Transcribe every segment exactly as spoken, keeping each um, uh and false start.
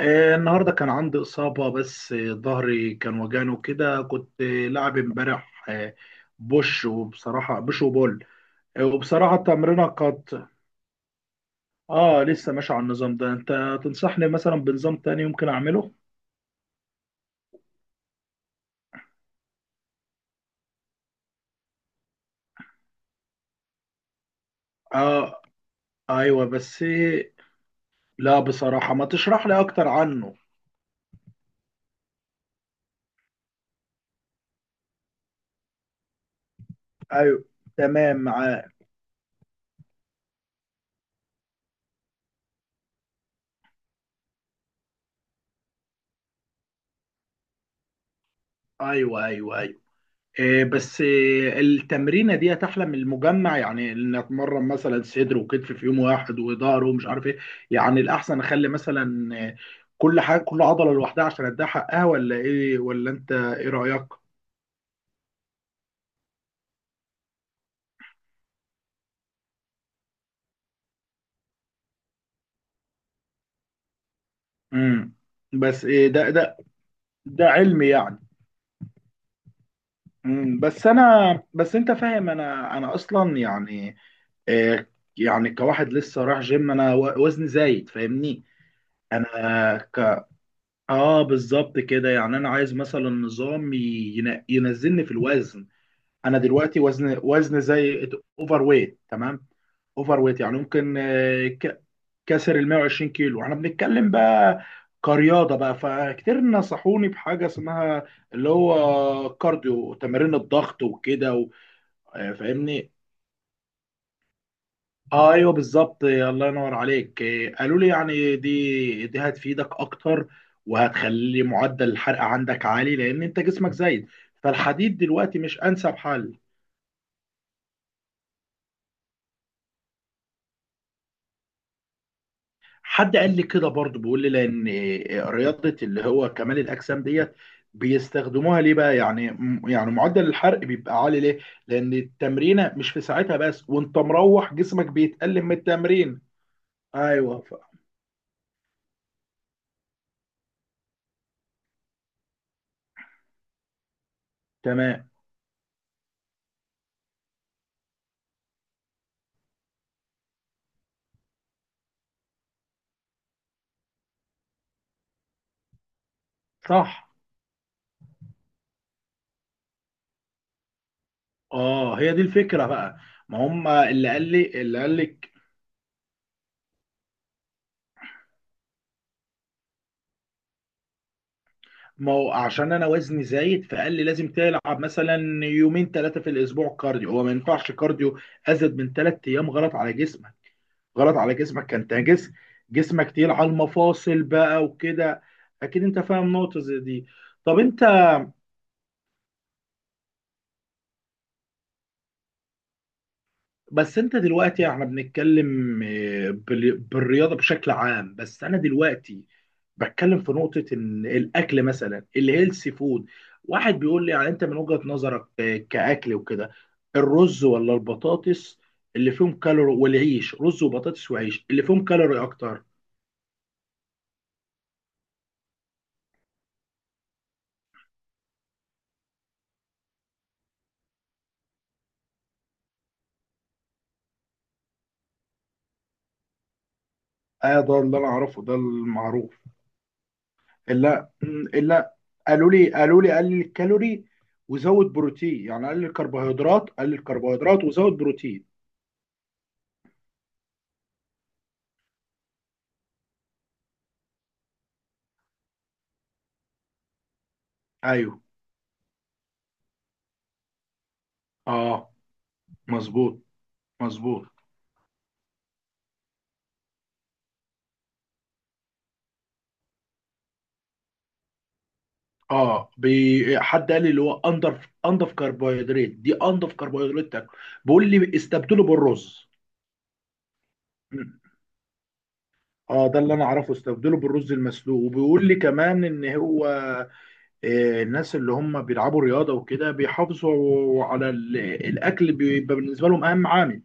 آه، النهارده كان عندي إصابة بس آه، ظهري كان وجعني وكده كنت آه، لاعب امبارح آه، بوش. وبصراحة بوش وبول. آه، وبصراحة التمرينة كانت. اه، لسه ماشي على النظام ده. انت تنصحني مثلا بنظام تاني ممكن اعمله؟ اه، ايوه. بس آه، لا بصراحة، ما تشرح لي اكتر عنه. ايوه، تمام معاك. ايوه، ايوه، ايوه. إيه؟ بس إيه التمرينه دي؟ احلى من المجمع، يعني ان اتمرن مثلا صدر وكتف في يوم واحد، وظهر ومش عارف ايه. يعني الاحسن اخلي مثلا إيه، كل حاجه، كل عضله لوحدها عشان اديها حقها، ولا ايه؟ ولا انت ايه رايك؟ امم، بس إيه ده؟ ده ده علمي يعني. امم، بس انا، بس انت فاهم، انا انا اصلا يعني إيه؟ يعني كواحد لسه رايح جيم، انا و- وزني زايد، فاهمني؟ انا ك- اه بالظبط كده. يعني انا عايز مثلا نظام ين- ينزلني في الوزن. انا دلوقتي وزن وزن زي اوفر ويت، تمام؟ اوفر ويت، يعني ممكن آه، ك- كسر ال مية وعشرين كيلو احنا بنتكلم بقى كرياضه بقى. فكتير نصحوني بحاجه اسمها اللي هو كارديو، تمارين الضغط وكده و- آه، فاهمني؟ آه، ايوه بالظبط. إيه، الله ينور عليك. إيه، قالوا لي يعني دي دي هتفيدك اكتر، وهتخلي معدل الحرق عندك عالي، لان انت جسمك زايد. فالحديد دلوقتي مش انسب حل. حد قال لي كده برضه، بيقول لي لان إيه، رياضه اللي هو كمال الاجسام ديت بيستخدموها ليه بقى، يعني م- يعني معدل الحرق بيبقى عالي ليه؟ لان التمرينه مش في ساعتها بس، وانت مروح جسمك بيتألم من التمرين. ايوه ف... تمام. صح. اه، هي دي الفكره بقى. ما هم اللي قال لي اللي قال لك. ما هو عشان انا وزني زايد، فقال لي لازم تلعب مثلا يومين ثلاثه في الاسبوع كارديو. هو ما ينفعش كارديو ازيد من ثلاث ايام، غلط على جسمك. غلط على جسمك، انت جسم جسمك تقيل على المفاصل بقى وكده. اكيد انت فاهم نقطه زي دي. طب انت، بس انت دلوقتي احنا بنتكلم آه، بال- بالرياضه بشكل عام، بس انا دلوقتي بتكلم في نقطة إن الأكل مثلا الهيلثي فود. واحد بيقول لي يعني أنت من وجهة نظرك، آه، كأكل وكده، الرز ولا البطاطس اللي فيهم كالوري؟ والعيش، رز وبطاطس وعيش، اللي فيهم كالوري أكتر؟ آه، ده اللي أنا أعرفه، ده المعروف. لا م، لا، قالوا لي قالوا لي قلل الكالوري وزود بروتين، يعني قلل الكربوهيدرات، قلل الكربوهيدرات وزود بروتين. أيوه. أه. مظبوط. مظبوط. اه بي... حد قال لي اللي هو انضف انضف كربوهيدرات دي، انضف كربوهيدرات تاكل، بيقول لي استبدله بالرز. مم. اه ده اللي انا اعرفه، استبدله بالرز المسلوق. وبيقول لي كمان ان هو آه، الناس اللي هم بيلعبوا رياضه وكده بيحافظوا على ال... الاكل، بيبقى بالنسبه لهم اهم عامل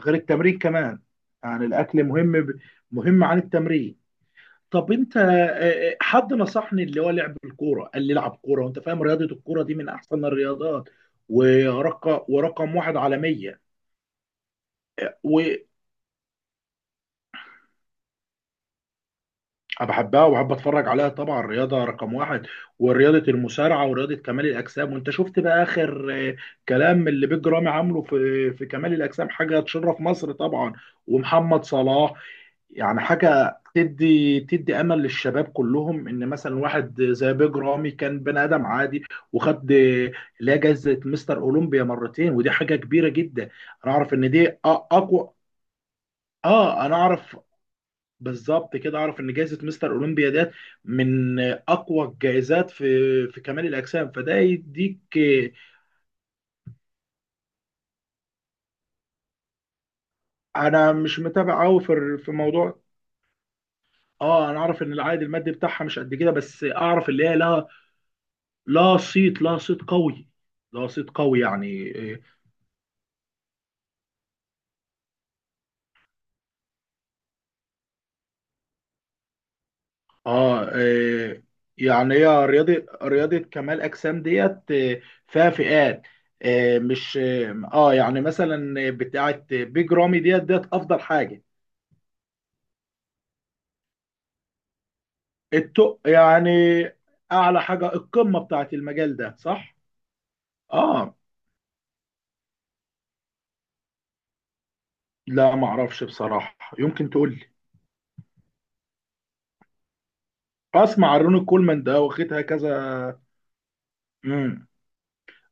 غير التمرين كمان. يعني الاكل مهم ب... مهم عن التمرين. طب انت آه، آه، حد نصحني اللي هو لعب الكوره، قال لي العب كوره. وانت فاهم رياضه الكوره دي من احسن الرياضات ورقم ورقم واحد عالميه. وبحبها وبحب اتفرج عليها طبعا، الرياضه رقم واحد. ورياضه المصارعه، ورياضه كمال الاجسام. وانت شفت بقى اخر آه، كلام اللي بيج رامي عامله في في كمال الاجسام، حاجه تشرف مصر طبعا. ومحمد صلاح. يعني حاجة تدي تدي أمل للشباب كلهم، إن مثلا واحد زي بيج رامي كان بني آدم عادي، وخد اللي هي جايزة مستر أولمبيا مرتين، ودي حاجة كبيرة جدا. أنا أعرف إن دي أ- أقوى. آه أنا أعرف. بالظبط كده، أعرف إن جايزة مستر أولمبيا ديت من أقوى الجايزات في في كمال الأجسام، فده يديك. أنا مش متابع أوي في في موضوع. اه انا اعرف ان العائد المادي بتاعها مش قد كده، بس اعرف اللي هي لها لا صيت لا صيت قوي لا صيت قوي يعني. اه, آه. يعني هي رياضة رياضة كمال أجسام ديت آه، فيها فئات. آه مش اه آه، يعني مثلا بتاعة بيج رامي ديت ديت أفضل حاجة. التق يعني، أعلى حاجة، القمة بتاعة المجال ده، صح؟ اه. لا معرفش بصراحة، يمكن تقول لي. أسمع عن روني كولمان ده واخدها كذا. مم.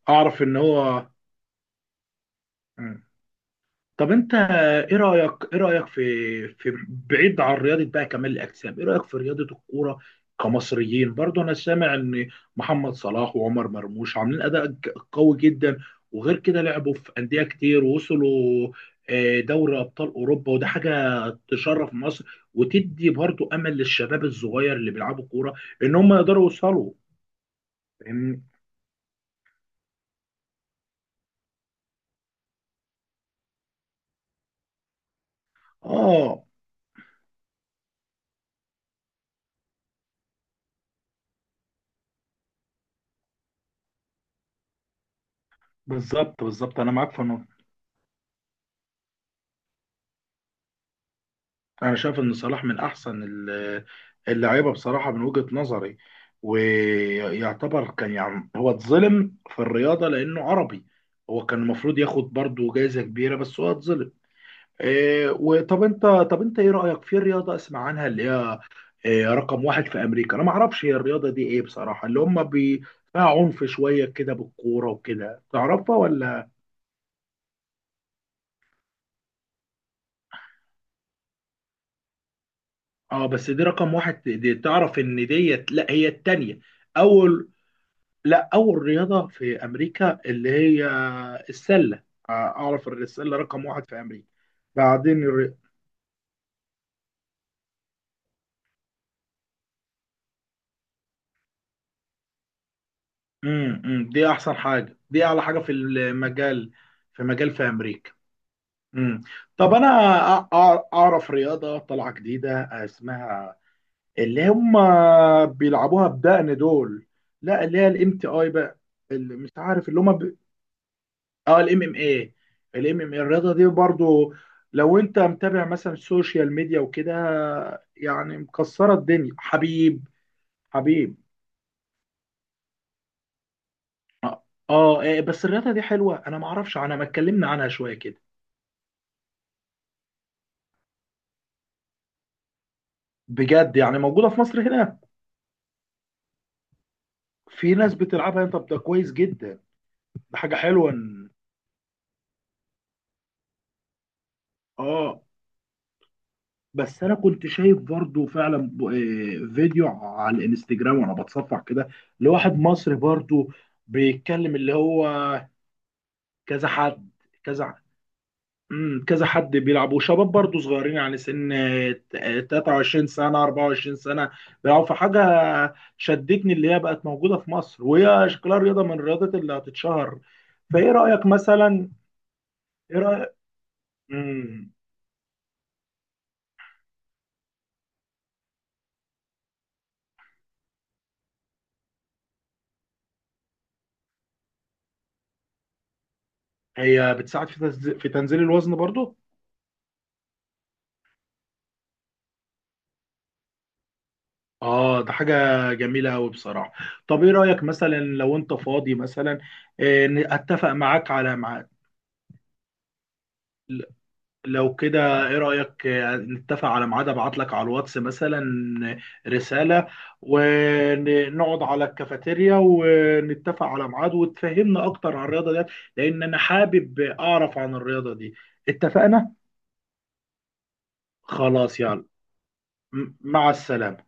أعرف إن هو. مم. طب انت، ايه رايك ايه رايك في، في بعيد عن رياضه بقى كمال الاجسام، ايه رايك في رياضه الكوره كمصريين برضو؟ انا سامع ان محمد صلاح وعمر مرموش عاملين اداء ج- قوي جدا، وغير كده لعبوا في انديه كتير، ووصلوا آه، دوري ابطال اوروبا، وده حاجه تشرف مصر، وتدي برضو امل للشباب الصغير اللي بيلعبوا كوره ان هم يقدروا يوصلوا. فاهمني؟ اه بالظبط، بالظبط، انا معاك في النقطة. انا شايف ان صلاح من احسن ال- اللعيبه بصراحه من وجهه نظري. ويعتبر كان يعني هو اتظلم في الرياضه لانه عربي، هو كان المفروض ياخد برضه جائزه كبيره، بس هو اتظلم. إيه. وطب انت، طب انت ايه رايك في رياضه اسمع عنها اللي هي إيه رقم واحد في امريكا؟ انا ما اعرفش هي الرياضه دي ايه بصراحه. اللي هم بي فيها عنف شويه كده، بالكوره وكده، تعرفها ولا؟ اه بس دي رقم واحد، دي تعرف ان ديت؟ لا هي التانيه. اول، لا اول رياضه في امريكا اللي هي السله. آه، اعرف إن السله رقم واحد في امريكا. بعدين الر... مم، مم، دي احسن حاجه، دي اعلى حاجه في المجال، في مجال في امريكا. مم. طب انا أع- أع- اعرف رياضه طالعه جديده اسمها اللي هم بيلعبوها بدقن دول. لا اللي هي الام تي اي بقى، اللي مش عارف اللي هم. اه الام ام اي. الام ام اي، الرياضه دي برضو لو انت متابع مثلا السوشيال ميديا وكده، يعني مكسره الدنيا. حبيب. حبيب. اه. آه، إيه، بس الرياضه دي حلوه، انا ما اعرفش، انا ما اتكلمنا عنها شويه كده. بجد؟ يعني موجوده في مصر هنا؟ في ناس بتلعبها؟ طب ده كويس جدا. ده حاجه حلوه إن- اه بس انا كنت شايف برضو فعلا ب- آه، فيديو على الانستجرام وانا بتصفح كده لواحد مصري برضو بيتكلم اللي هو كذا حد، كذا. امم، كذا حد بيلعب، وشباب برضه صغيرين يعني سن تلاتة وعشرين سنة، اربعة وعشرين سنة، بيلعبوا في حاجة. شدتني اللي هي بقت موجودة في مصر، وهي شكلها رياضة من الرياضات اللي هتتشهر. فايه رأيك مثلا؟ ايه رأيك؟ امم. هي بتساعد في تنزيل، في تنزيل الوزن برضه؟ اه ده حاجة جميلة أوي بصراحة. طب ايه رأيك مثلا لو انت فاضي مثلا، إيه، اتفق معاك على ميعاد؟ لو كده ايه رأيك آه، نتفق على ميعاد، ابعت لك على الواتس مثلا رسالة، ونقعد على الكافيتيريا، ونتفق على ميعاد، وتفهمنا اكتر عن الرياضة ديت، لان انا حابب اعرف عن الرياضة دي. اتفقنا. خلاص يلا. م- مع السلامة.